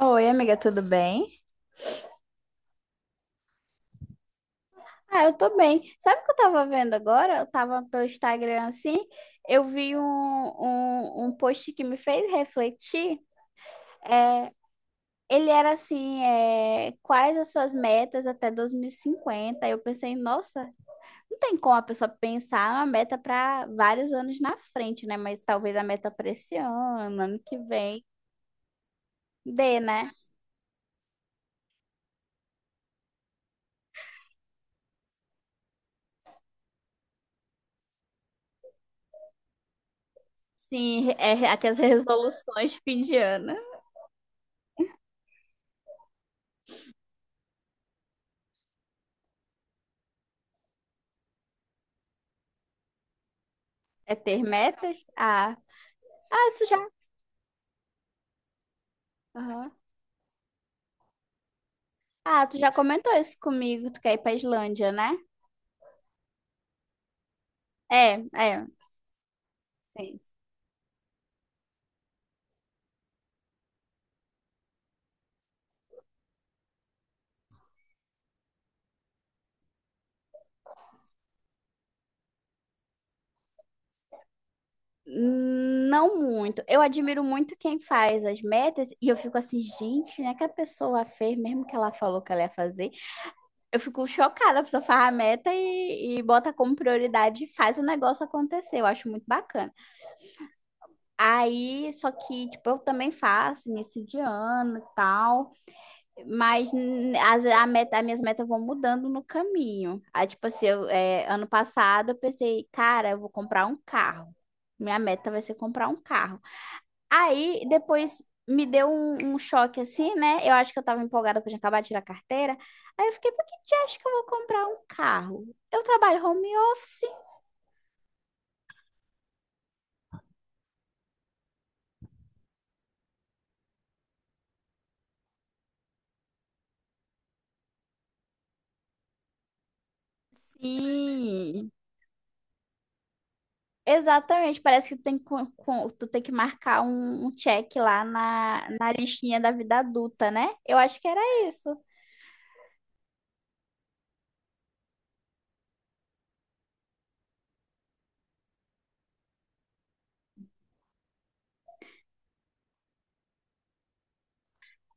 Oi, amiga, tudo bem? Ah, eu tô bem. Sabe o que eu tava vendo agora? Eu tava pelo Instagram assim, eu vi um post que me fez refletir. Ele era assim, é, quais as suas metas até 2050? Aí eu pensei, nossa, não tem como a pessoa pensar uma meta para vários anos na frente, né? Mas talvez a meta para esse ano, ano que vem, dê, né? Sim, é aquelas resoluções de fim de ano. É ter metas? Ah, ah, isso já. Aham. Ah, tu já comentou isso comigo, tu quer ir pra Islândia, né? É, é, sim. Não muito. Eu admiro muito quem faz as metas e eu fico assim, gente, né, que a pessoa fez, mesmo que ela falou que ela ia fazer. Eu fico chocada, a pessoa faz a meta e bota como prioridade e faz o negócio acontecer. Eu acho muito bacana. Aí, só que, tipo, eu também faço início de ano e tal. Mas a meta, as minhas metas vão mudando no caminho. Aí, tipo assim, eu, é, ano passado eu pensei, cara, eu vou comprar um carro. Minha meta vai ser comprar um carro. Aí depois me deu um choque assim, né? Eu acho que eu tava empolgada porque eu tinha acabado de tirar a carteira. Aí eu fiquei, por que tu acha que eu vou comprar um carro? Eu trabalho home office. Sim, exatamente, parece que tem, tu tem que marcar um check lá na listinha da vida adulta, né? Eu acho que era isso.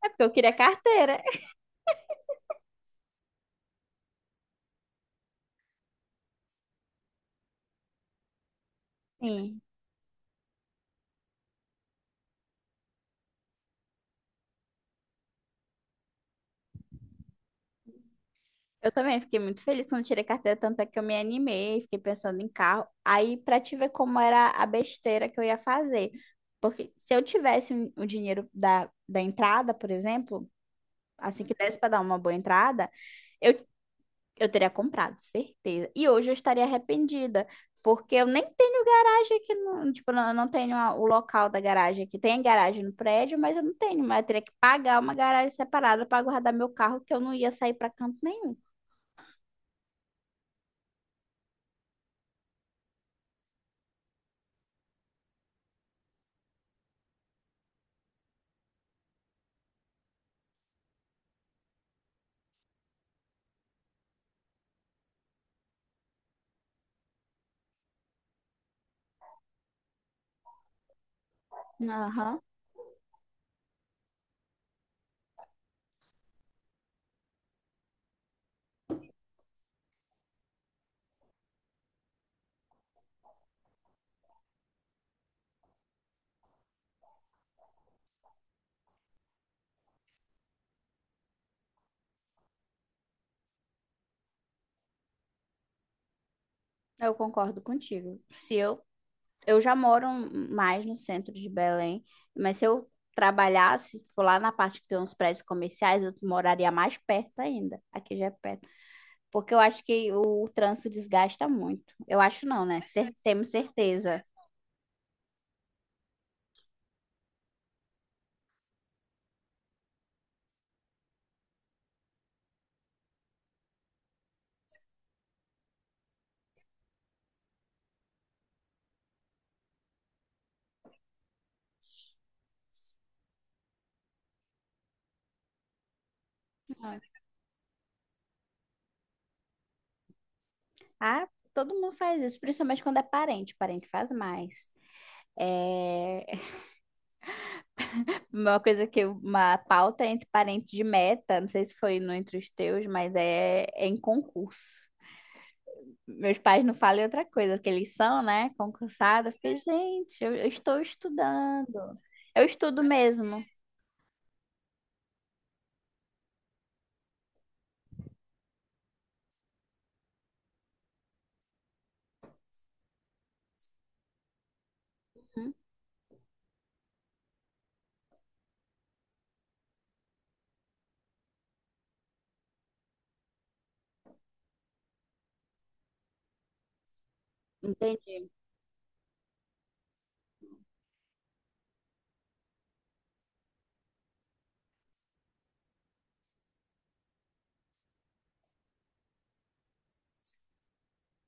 É porque eu queria carteira. Sim. Eu também fiquei muito feliz quando tirei carteira, tanto é que eu me animei, fiquei pensando em carro. Aí, pra te ver como era a besteira que eu ia fazer. Porque se eu tivesse o dinheiro da entrada, por exemplo, assim que desse pra dar uma boa entrada, eu Eu teria comprado, certeza. E hoje eu estaria arrependida, porque eu nem tenho garagem aqui, no, tipo, eu não tenho o local da garagem aqui. Tem garagem no prédio, mas eu não tenho, mas eu teria que pagar uma garagem separada para guardar meu carro, que eu não ia sair para canto nenhum. Aham, eu concordo contigo. Se eu, eu já moro mais no centro de Belém, mas se eu trabalhasse, tipo, lá na parte que tem uns prédios comerciais, eu moraria mais perto ainda. Aqui já é perto. Porque eu acho que o trânsito desgasta muito. Eu acho não, né? Temos certeza. Ah, todo mundo faz isso, principalmente quando é parente. Parente faz mais. É uma coisa que uma pauta entre parentes de meta, não sei se foi no entre os teus, mas é, é em concurso. Meus pais não falam outra coisa, porque eles são, né, concursados. Eu fiquei, gente, eu estou estudando. Eu estudo mesmo. Hum, entendi.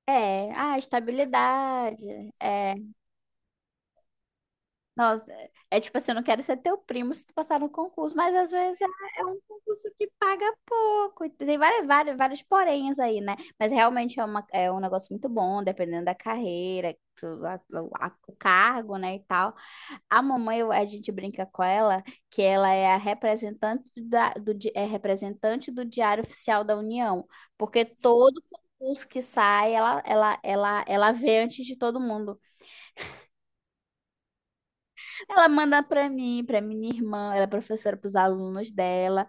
É, ah, estabilidade. É. Nossa, é é tipo assim, eu não quero ser teu primo se tu passar no concurso, mas às vezes é um concurso que paga pouco. E tem várias porenhas aí, né? Mas realmente é um negócio muito bom, dependendo da carreira, o cargo, né, e tal. A mamãe, a gente brinca com ela que ela é a representante é representante do Diário Oficial da União, porque todo concurso que sai, ela vê antes de todo mundo. Ela manda para mim, para minha irmã, ela é professora para os alunos dela.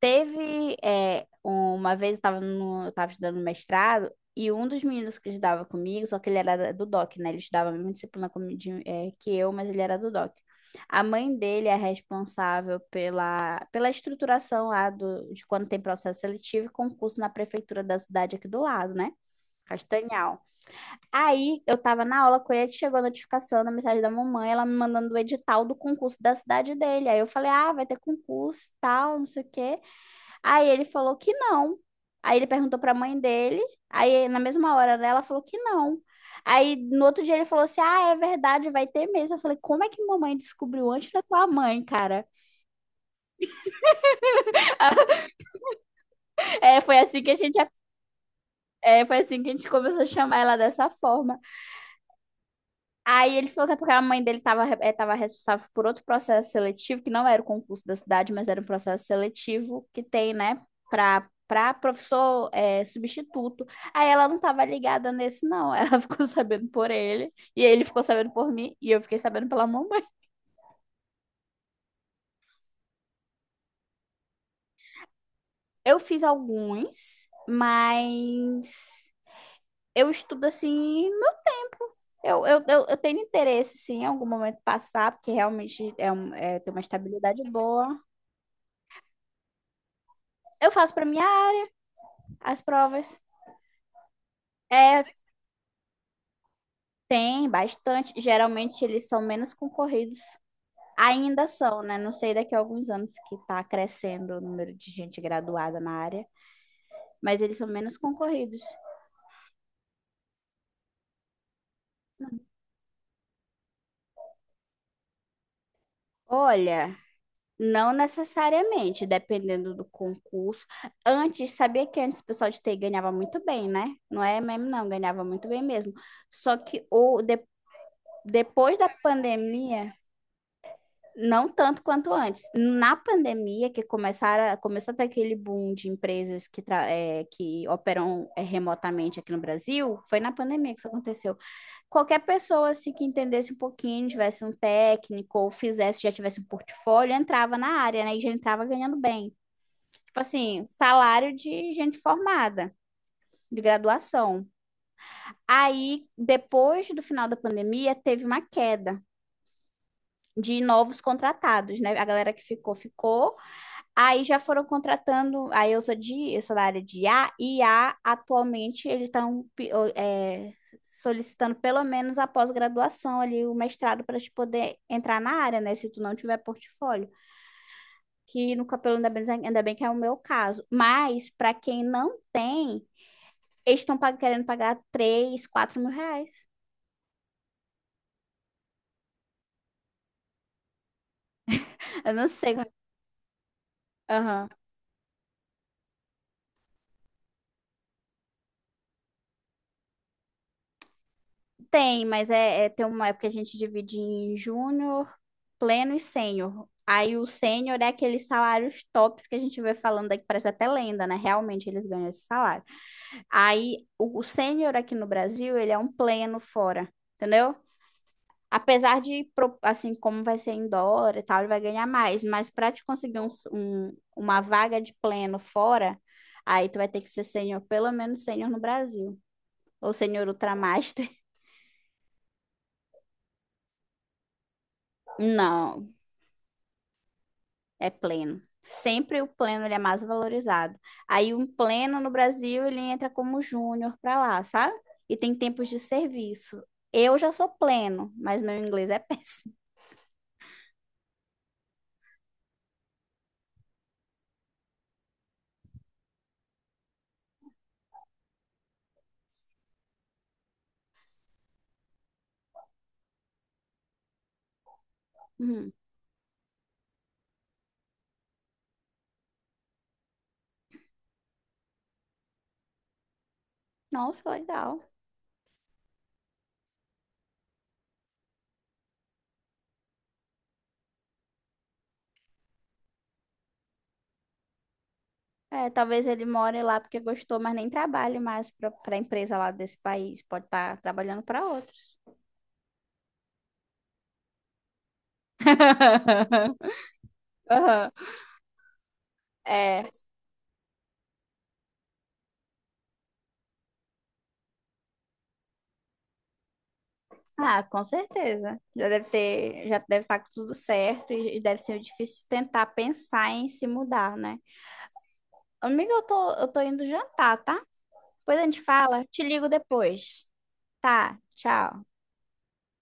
Teve é, uma vez eu estava no, eu tava estudando mestrado e um dos meninos que estudava comigo, só que ele era do DOC, né? Ele estudava a mesma disciplina que eu, mas ele era do DOC. A mãe dele é responsável pela estruturação lá de quando tem processo seletivo e concurso na prefeitura da cidade aqui do lado, né? Castanhal. Aí eu tava na aula com ele, chegou a notificação da mensagem da mamãe, ela me mandando o edital do concurso da cidade dele. Aí eu falei, ah, vai ter concurso e tal, não sei o quê. Aí ele falou que não. Aí ele perguntou pra mãe dele, aí na mesma hora, né, ela falou que não. Aí no outro dia ele falou assim, ah, é verdade, vai ter mesmo. Eu falei, como é que mamãe descobriu antes da tua mãe, cara? É, foi assim que a gente, foi assim que a gente começou a chamar ela dessa forma. Aí ele falou que é porque a mãe dele estava responsável por outro processo seletivo, que não era o concurso da cidade, mas era um processo seletivo que tem, né, para professor é, substituto. Aí ela não estava ligada nesse, não. Ela ficou sabendo por ele, e ele ficou sabendo por mim, e eu fiquei sabendo pela mamãe. Eu fiz alguns, mas eu estudo assim, Eu tenho interesse, sim, em algum momento passar, porque realmente é, tem uma estabilidade boa. Eu faço para mim, ah, as provas. É, tem bastante. Geralmente eles são menos concorridos. Ainda são, né? Não sei daqui a alguns anos que está crescendo o número de gente graduada na área, mas eles são menos concorridos. Olha, não necessariamente, dependendo do concurso. Antes, sabia que antes o pessoal de TI ganhava muito bem, né? Não é mesmo, não, ganhava muito bem mesmo. Só que depois da pandemia, não tanto quanto antes. Na pandemia, começou a ter aquele boom de empresas que, que operam remotamente aqui no Brasil, foi na pandemia que isso aconteceu. Qualquer pessoa assim, que entendesse um pouquinho, tivesse um técnico, ou fizesse, já tivesse um portfólio, entrava na área, né? E já entrava ganhando bem. Tipo assim, salário de gente formada, de graduação. Aí, depois do final da pandemia, teve uma queda de novos contratados, né? A galera que ficou, ficou. Aí já foram contratando. Aí eu sou eu sou da área de IA, e IA atualmente eles estão solicitando pelo menos a pós-graduação ali, o mestrado, para te poder entrar na área, né? Se tu não tiver portfólio. Que no cabelo ainda bem que é o meu caso. Mas para quem não tem, eles estão querendo pagar 3, 4 mil reais. Eu não sei. Aham. Tem, mas tem uma época que a gente divide em júnior, pleno e sênior. Aí o sênior é aqueles salários tops que a gente vê falando aqui, parece até lenda, né? Realmente eles ganham esse salário. Aí o sênior aqui no Brasil, ele é um pleno fora, entendeu? Apesar de, assim, como vai ser em dólar e tal, ele vai ganhar mais. Mas para te conseguir uma vaga de pleno fora, aí tu vai ter que ser sênior, pelo menos sênior no Brasil. Ou sênior ultramaster. Não, é pleno. Sempre o pleno ele é mais valorizado. Aí um pleno no Brasil ele entra como júnior para lá, sabe? E tem tempos de serviço. Eu já sou pleno, mas meu inglês é péssimo. Hum. Nossa, legal. É, talvez ele more lá porque gostou, mas nem trabalhe mais para a empresa lá desse país. Pode estar trabalhando para outra. Aham. É. Ah, com certeza. Já deve ter, já deve estar tudo certo e deve ser difícil tentar pensar em se mudar, né? Amiga, eu tô indo jantar, tá? Depois a gente fala. Te ligo depois. Tá, tchau.